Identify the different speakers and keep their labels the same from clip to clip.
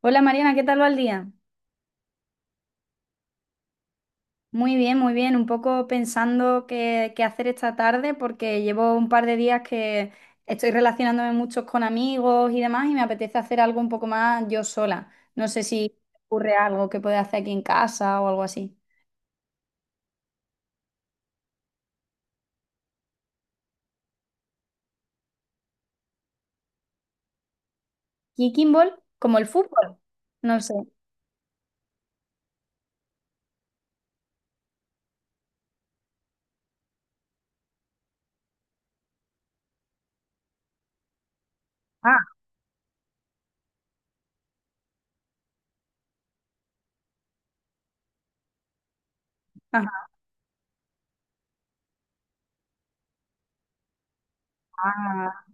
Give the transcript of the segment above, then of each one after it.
Speaker 1: Hola Mariana, ¿qué tal va el día? Muy bien, muy bien. Un poco pensando qué hacer esta tarde porque llevo un par de días que estoy relacionándome mucho con amigos y demás y me apetece hacer algo un poco más yo sola. No sé si ocurre algo que pueda hacer aquí en casa o algo así. ¿Kicking ball? ¿Como el fútbol? No sé. Ah, ajá,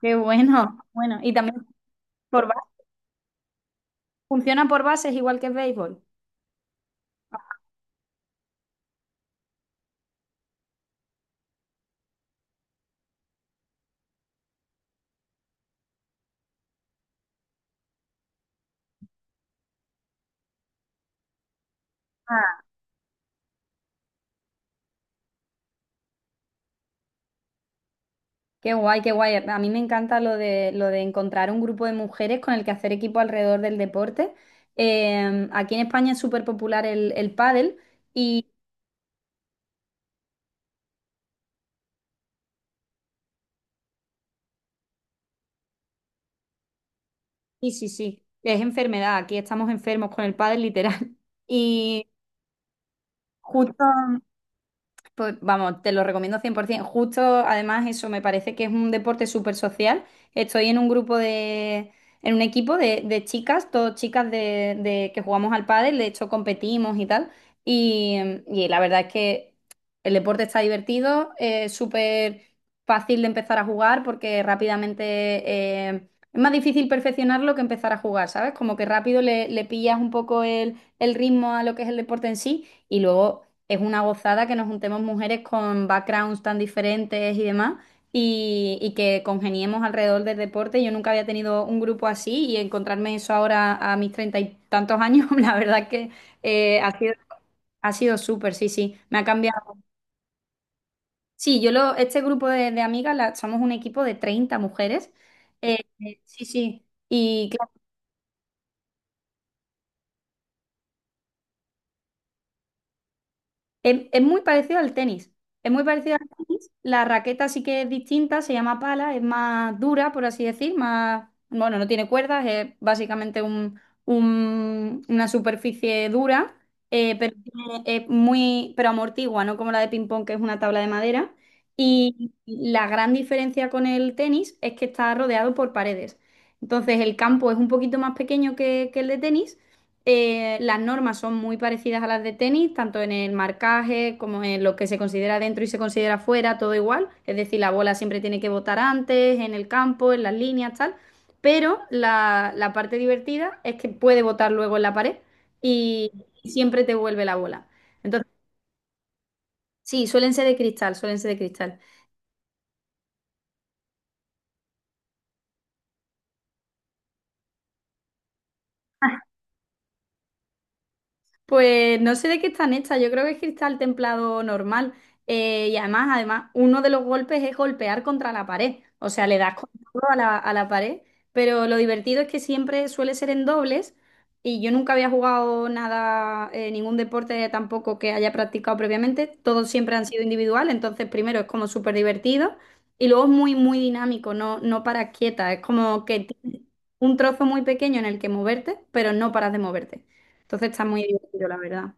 Speaker 1: qué bueno. Bueno, y también por ba- funciona por bases igual que el béisbol. Qué guay, qué guay. A mí me encanta lo de encontrar un grupo de mujeres con el que hacer equipo alrededor del deporte. Aquí en España es súper popular el pádel y, y sí, sí, es enfermedad. Aquí estamos enfermos con el pádel literal. Y justo Pues vamos, te lo recomiendo 100%. Justo, además, eso me parece que es un deporte súper social. Estoy en un grupo de, en un equipo de chicas, todas chicas de que jugamos al pádel, de hecho competimos y tal. Y, y la verdad es que el deporte está divertido, es súper fácil de empezar a jugar porque rápidamente es más difícil perfeccionarlo que empezar a jugar, ¿sabes? Como que rápido le pillas un poco el ritmo a lo que es el deporte en sí. Y luego es una gozada que nos juntemos mujeres con backgrounds tan diferentes y demás y que congeniemos alrededor del deporte. Yo nunca había tenido un grupo así y encontrarme eso ahora a mis 30 y tantos años, la verdad que eh, ha sido, ha sido súper, sí, sí, me ha cambiado. Sí, este grupo de amigas somos un equipo de 30 mujeres. Eh, sí, sí. Y es muy parecido al tenis. Es muy parecido al tenis. La raqueta sí que es distinta, se llama pala, es más dura, por así decir, más, bueno, no tiene cuerdas, es básicamente una superficie dura, pero es muy, pero amortigua, no como la de ping pong, que es una tabla de madera. Y la gran diferencia con el tenis es que está rodeado por paredes. Entonces el campo es un poquito más pequeño que el de tenis. Las normas son muy parecidas a las de tenis, tanto en el marcaje como en lo que se considera dentro y se considera fuera, todo igual. Es decir, la bola siempre tiene que botar antes, en el campo, en las líneas, tal. Pero la parte divertida es que puede botar luego en la pared y siempre te vuelve la bola. Entonces, sí, suelen ser de cristal, suelen ser de cristal. Pues no sé de qué están hechas, yo creo que es cristal templado normal. Y además, además, uno de los golpes es golpear contra la pared, o sea, le das con todo a a la pared, pero lo divertido es que siempre suele ser en dobles y yo nunca había jugado nada, ningún deporte tampoco que haya practicado previamente, todos siempre han sido individual, entonces primero es como súper divertido y luego es muy, muy dinámico, no, no paras quieta, es como que tienes un trozo muy pequeño en el que moverte, pero no paras de moverte. Entonces está muy divertido, la verdad.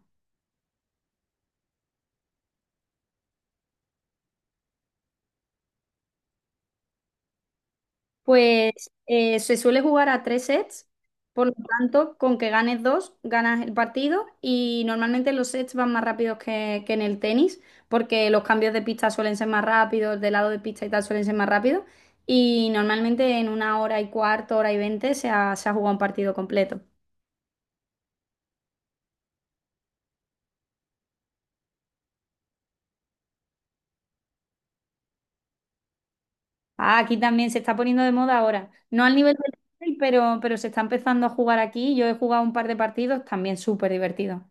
Speaker 1: Pues se suele jugar a 3 sets, por lo tanto, con que ganes dos, ganas el partido y normalmente los sets van más rápidos que en el tenis, porque los cambios de pista suelen ser más rápidos, de lado de pista y tal suelen ser más rápidos y normalmente en una hora y cuarto, hora y veinte se ha jugado un partido completo. Ah, aquí también se está poniendo de moda ahora, no al nivel del tenis, pero se está empezando a jugar aquí. Yo he jugado un par de partidos, también súper divertido.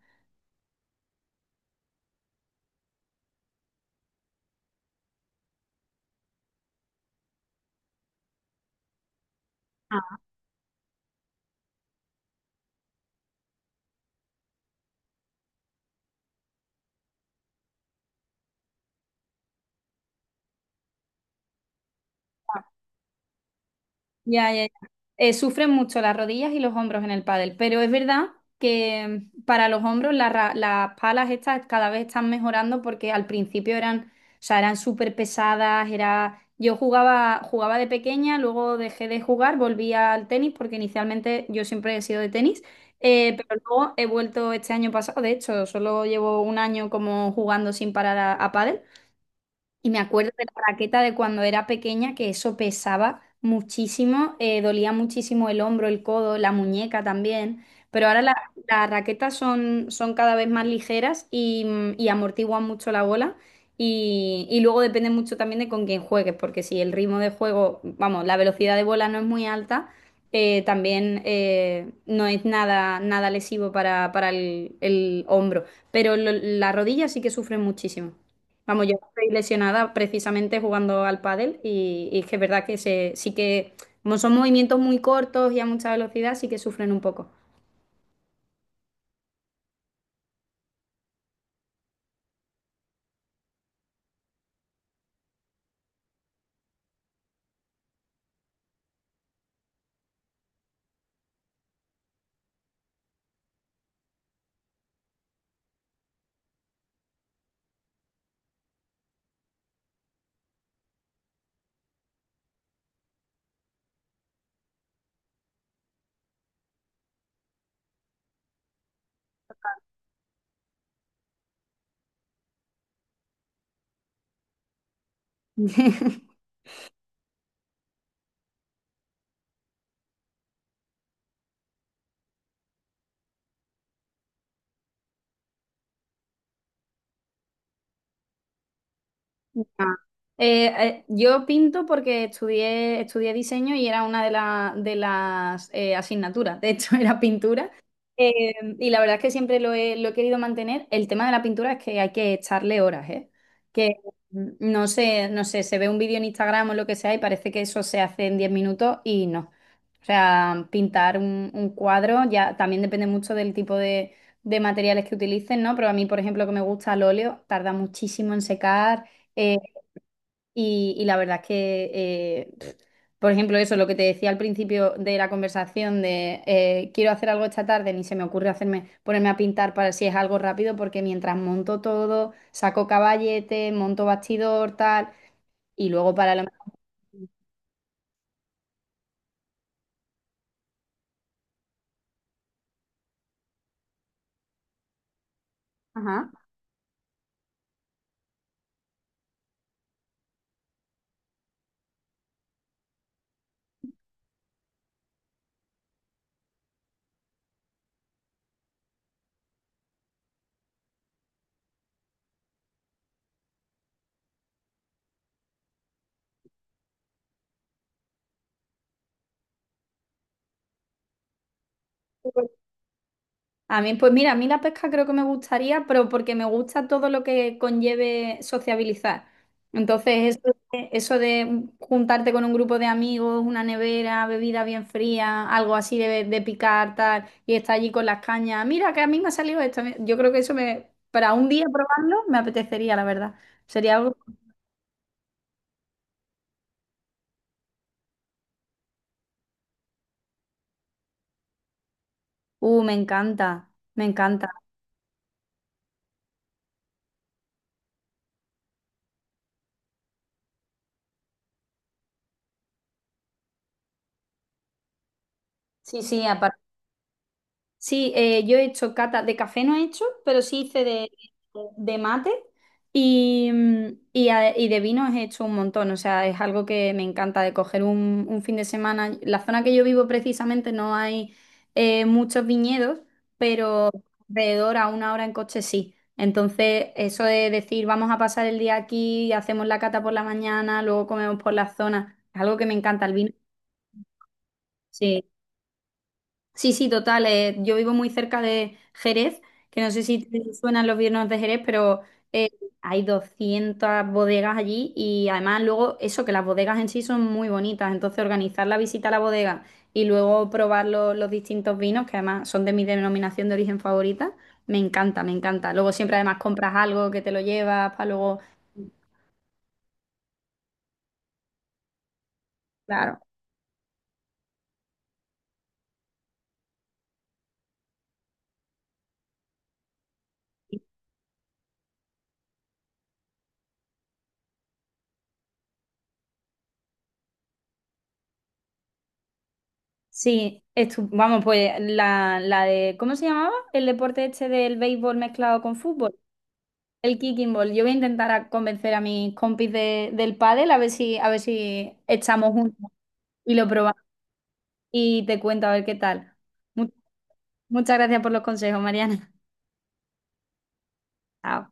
Speaker 1: Ya, ya, ya. Sufren mucho las rodillas y los hombros en el pádel, pero es verdad que para los hombros la las palas estas cada vez están mejorando porque al principio eran, o sea, eran súper pesadas, era... Yo jugaba, jugaba de pequeña, luego dejé de jugar, volví al tenis porque inicialmente yo siempre he sido de tenis, pero luego he vuelto este año pasado, de hecho, solo llevo un año como jugando sin parar a pádel y me acuerdo de la raqueta de cuando era pequeña, que eso pesaba muchísimo, dolía muchísimo el hombro, el codo, la muñeca también, pero las raquetas son, son cada vez más ligeras y amortiguan mucho la bola y luego depende mucho también de con quién juegues, porque si el ritmo de juego, vamos, la velocidad de bola no es muy alta, también no es nada, nada lesivo para el hombro, pero la rodilla sí que sufre muchísimo. Vamos, yo estoy lesionada precisamente jugando al pádel y es que es verdad sí que, como son movimientos muy cortos y a mucha velocidad, sí que sufren un poco. Ah. Yo pinto porque estudié diseño y era una de las asignaturas, de hecho era pintura. Eh, y la verdad es que siempre lo he querido mantener. El tema de la pintura es que hay que echarle horas, ¿eh? Que no sé, no sé, se ve un vídeo en Instagram o lo que sea y parece que eso se hace en 10 minutos y no. O sea, pintar un cuadro ya también depende mucho del tipo de materiales que utilicen, ¿no? Pero a mí, por ejemplo, que me gusta el óleo, tarda muchísimo en secar. eh, y la verdad es que, por ejemplo, eso, lo que te decía al principio de la conversación de quiero hacer algo esta tarde, ni se me ocurre hacerme, ponerme a pintar para si es algo rápido, porque mientras monto todo, saco caballete, monto bastidor, tal, y luego para lo mejor. Ajá. A mí, pues mira, a mí la pesca creo que me gustaría, pero porque me gusta todo lo que conlleve sociabilizar. Entonces, eso de juntarte con un grupo de amigos, una nevera, bebida bien fría, algo así de picar, tal, y estar allí con las cañas. Mira, que a mí me ha salido esto. Yo creo que eso me, para un día probarlo, me apetecería, la verdad. Sería algo. Me encanta, me encanta. Sí, sí, aparte. Sí, yo he hecho cata de café, no he hecho, pero sí hice de mate y de vinos he hecho un montón. O sea, es algo que me encanta de coger un fin de semana. La zona que yo vivo precisamente no hay muchos viñedos, pero alrededor a una hora en coche sí. Entonces, eso de decir vamos a pasar el día aquí, hacemos la cata por la mañana, luego comemos por la zona, es algo que me encanta el vino. Sí. Sí, sí, total. Yo vivo muy cerca de Jerez, que no sé si te suenan los vinos de Jerez, pero eh, hay 200 bodegas allí y además luego eso, que las bodegas en sí son muy bonitas. Entonces organizar la visita a la bodega y luego probar los distintos vinos, que además son de mi denominación de origen favorita, me encanta, me encanta. Luego siempre además compras algo que te lo llevas para luego... Claro. Sí, vamos, pues ¿cómo se llamaba? El deporte este del béisbol mezclado con fútbol, el kicking ball. Yo voy a intentar a convencer a mis compis del pádel a ver si echamos juntos y lo probamos y te cuento a ver qué tal. Mu- muchas gracias por los consejos, Mariana. Chao.